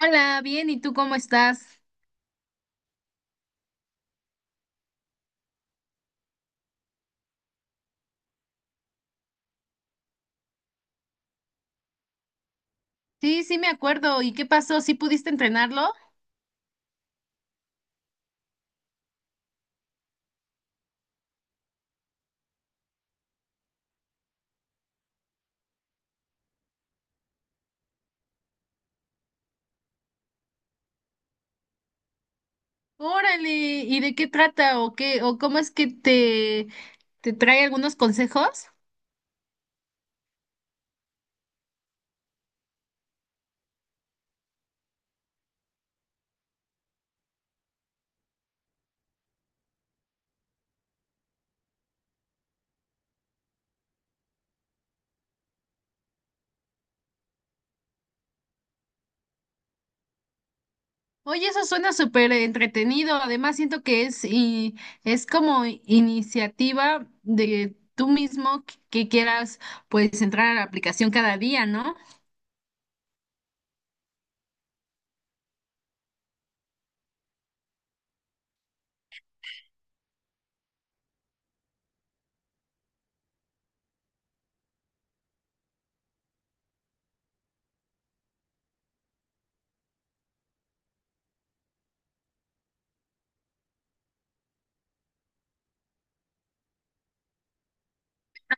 Hola, bien, ¿y tú cómo estás? Sí, me acuerdo. ¿Y qué pasó? ¿Sí pudiste entrenarlo? Órale, ¿y de qué trata o qué o cómo es que te trae algunos consejos? Oye, eso suena súper entretenido. Además, siento que es y es como iniciativa de tú mismo que quieras pues entrar a la aplicación cada día, ¿no?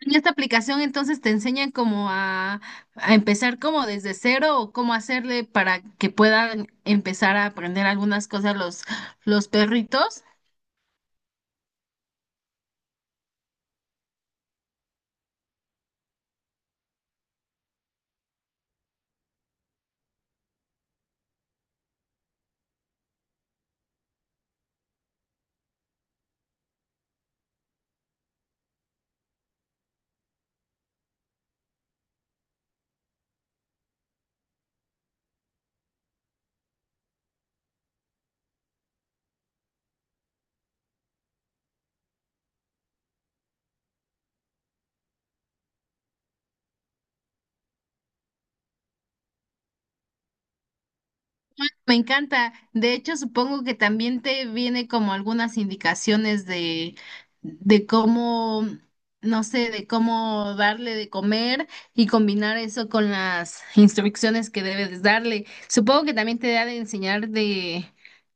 En esta aplicación entonces te enseñan como a empezar como desde cero o cómo hacerle para que puedan empezar a aprender algunas cosas los perritos. Me encanta. De hecho, supongo que también te viene como algunas indicaciones de cómo, no sé, de cómo darle de comer y combinar eso con las instrucciones que debes darle. Supongo que también te da de enseñar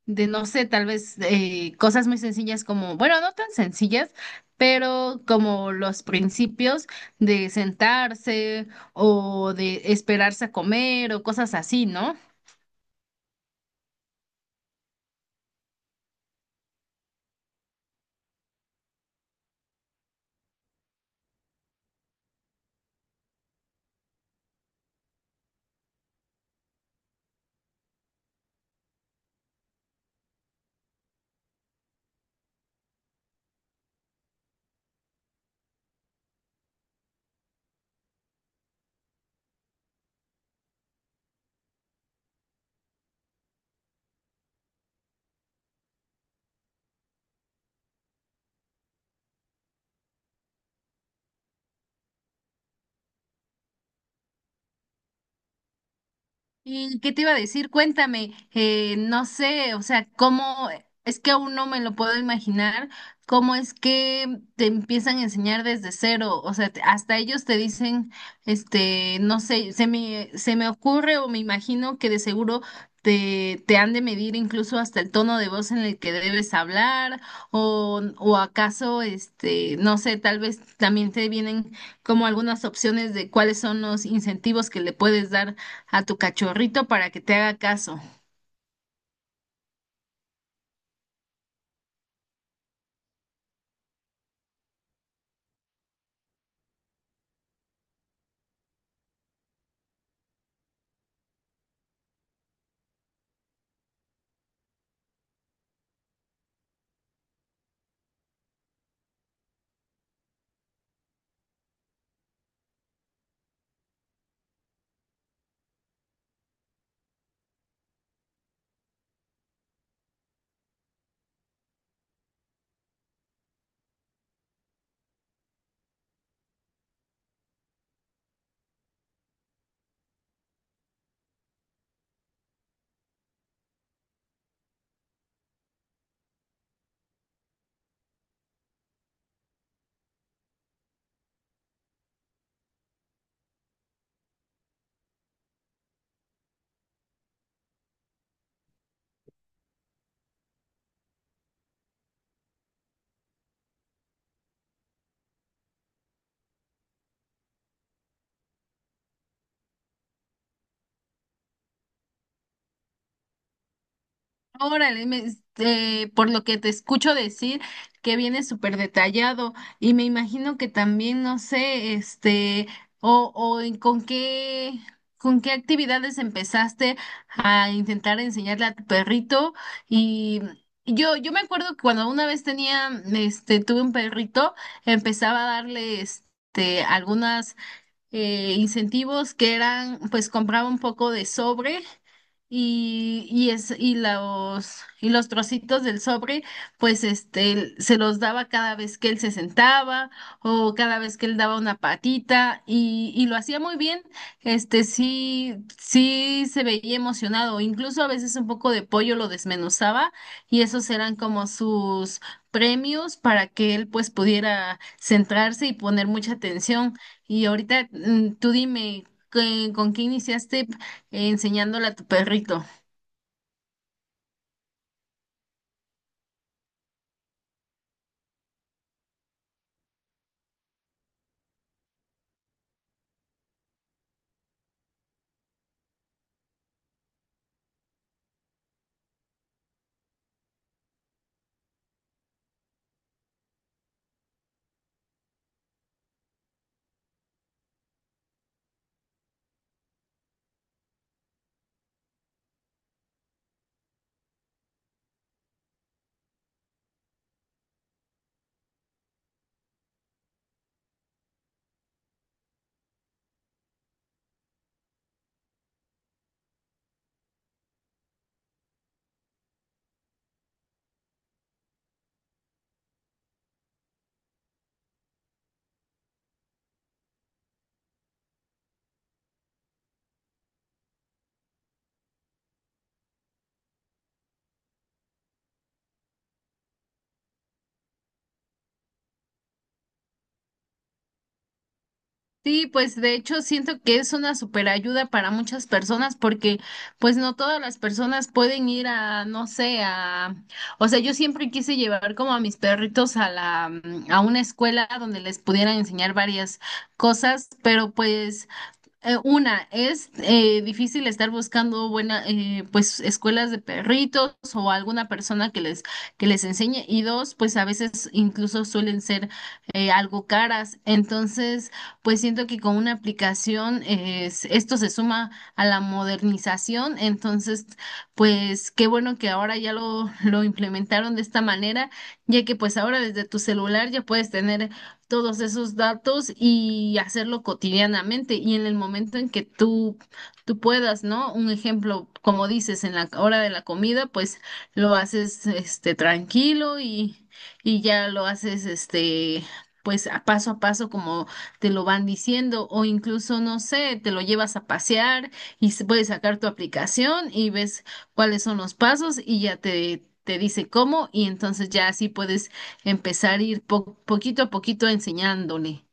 de no sé, tal vez cosas muy sencillas como, bueno, no tan sencillas, pero como los principios de sentarse o de esperarse a comer o cosas así, ¿no? ¿Y qué te iba a decir? Cuéntame, no sé, o sea, cómo, es que aún no me lo puedo imaginar, cómo es que te empiezan a enseñar desde cero, o sea, hasta ellos te dicen, este, no sé, se me ocurre o me imagino que de seguro te han de medir incluso hasta el tono de voz en el que debes hablar, o acaso, este, no sé, tal vez también te vienen como algunas opciones de cuáles son los incentivos que le puedes dar a tu cachorrito para que te haga caso. Órale, este, por lo que te escucho decir que viene súper detallado y me imagino que también, no sé, este, o, con qué actividades empezaste a intentar enseñarle a tu perrito y... Yo me acuerdo que cuando una vez tenía, este, tuve un perrito, empezaba a darle, este, algunas incentivos que eran, pues compraba un poco de sobre y, y, es, y, los, y los trocitos del sobre, pues este, se los daba cada vez que él se sentaba o cada vez que él daba una patita y lo hacía muy bien, este, sí, se veía emocionado, incluso a veces un poco de pollo lo desmenuzaba y esos eran como sus premios para que él pues pudiera centrarse y poner mucha atención. Y ahorita tú dime, ¿qué- ¿con qué iniciaste? Enseñándole a tu perrito. Sí, pues de hecho siento que es una super ayuda para muchas personas porque pues no todas las personas pueden ir a, no sé, a, o sea, yo siempre quise llevar como a mis perritos a la, a una escuela donde les pudieran enseñar varias cosas, pero pues una, es difícil estar buscando buena, pues, escuelas de perritos o alguna persona que les enseñe. Y dos, pues a veces incluso suelen ser algo caras. Entonces, pues siento que con una aplicación esto se suma a la modernización. Entonces, pues qué bueno que ahora ya lo implementaron de esta manera, ya que pues ahora desde tu celular ya puedes tener todos esos datos y hacerlo cotidianamente y en el momento en que tú puedas, ¿no? Un ejemplo, como dices, en la hora de la comida, pues lo haces este tranquilo y ya lo haces este pues a paso como te lo van diciendo o incluso no sé, te lo llevas a pasear y puedes sacar tu aplicación y ves cuáles son los pasos y ya te dice cómo y entonces ya así puedes empezar a ir poquito a poquito enseñándole.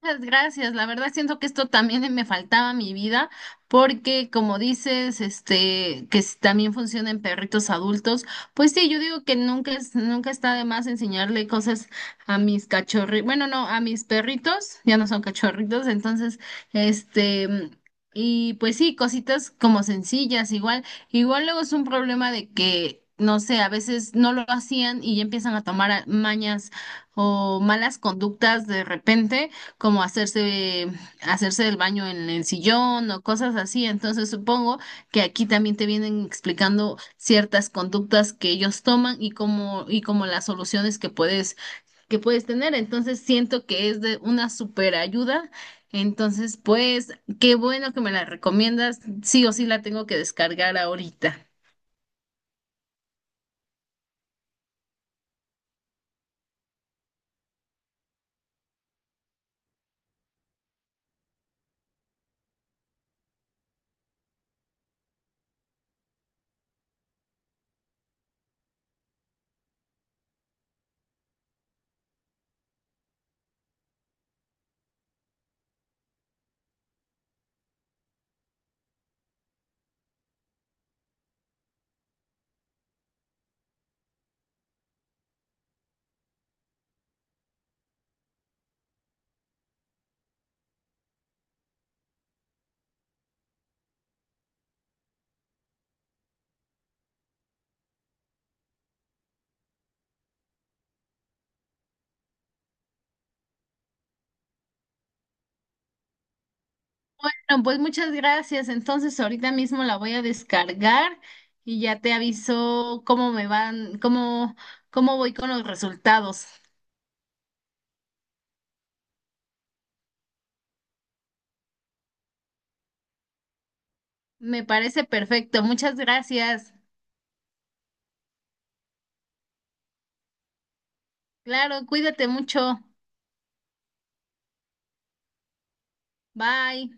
Muchas gracias. La verdad siento que esto también me faltaba a mi vida porque como dices, este, que también funciona en perritos adultos, pues sí, yo digo que nunca está de más enseñarle cosas a mis cachorritos, bueno, no, a mis perritos, ya no son cachorritos, entonces, este, y pues sí, cositas como sencillas, igual, igual luego es un problema de que no sé, a veces no lo hacían y ya empiezan a tomar mañas o malas conductas de repente como hacerse, hacerse el baño en el sillón o cosas así. Entonces supongo que aquí también te vienen explicando ciertas conductas que ellos toman y cómo y como las soluciones que puedes tener. Entonces siento que es de una super ayuda. Entonces, pues, qué bueno que me la recomiendas. Sí o sí la tengo que descargar ahorita. Bueno, pues muchas gracias. Entonces, ahorita mismo la voy a descargar y ya te aviso cómo me van, cómo, cómo voy con los resultados. Me parece perfecto. Muchas gracias. Claro, cuídate mucho. Bye.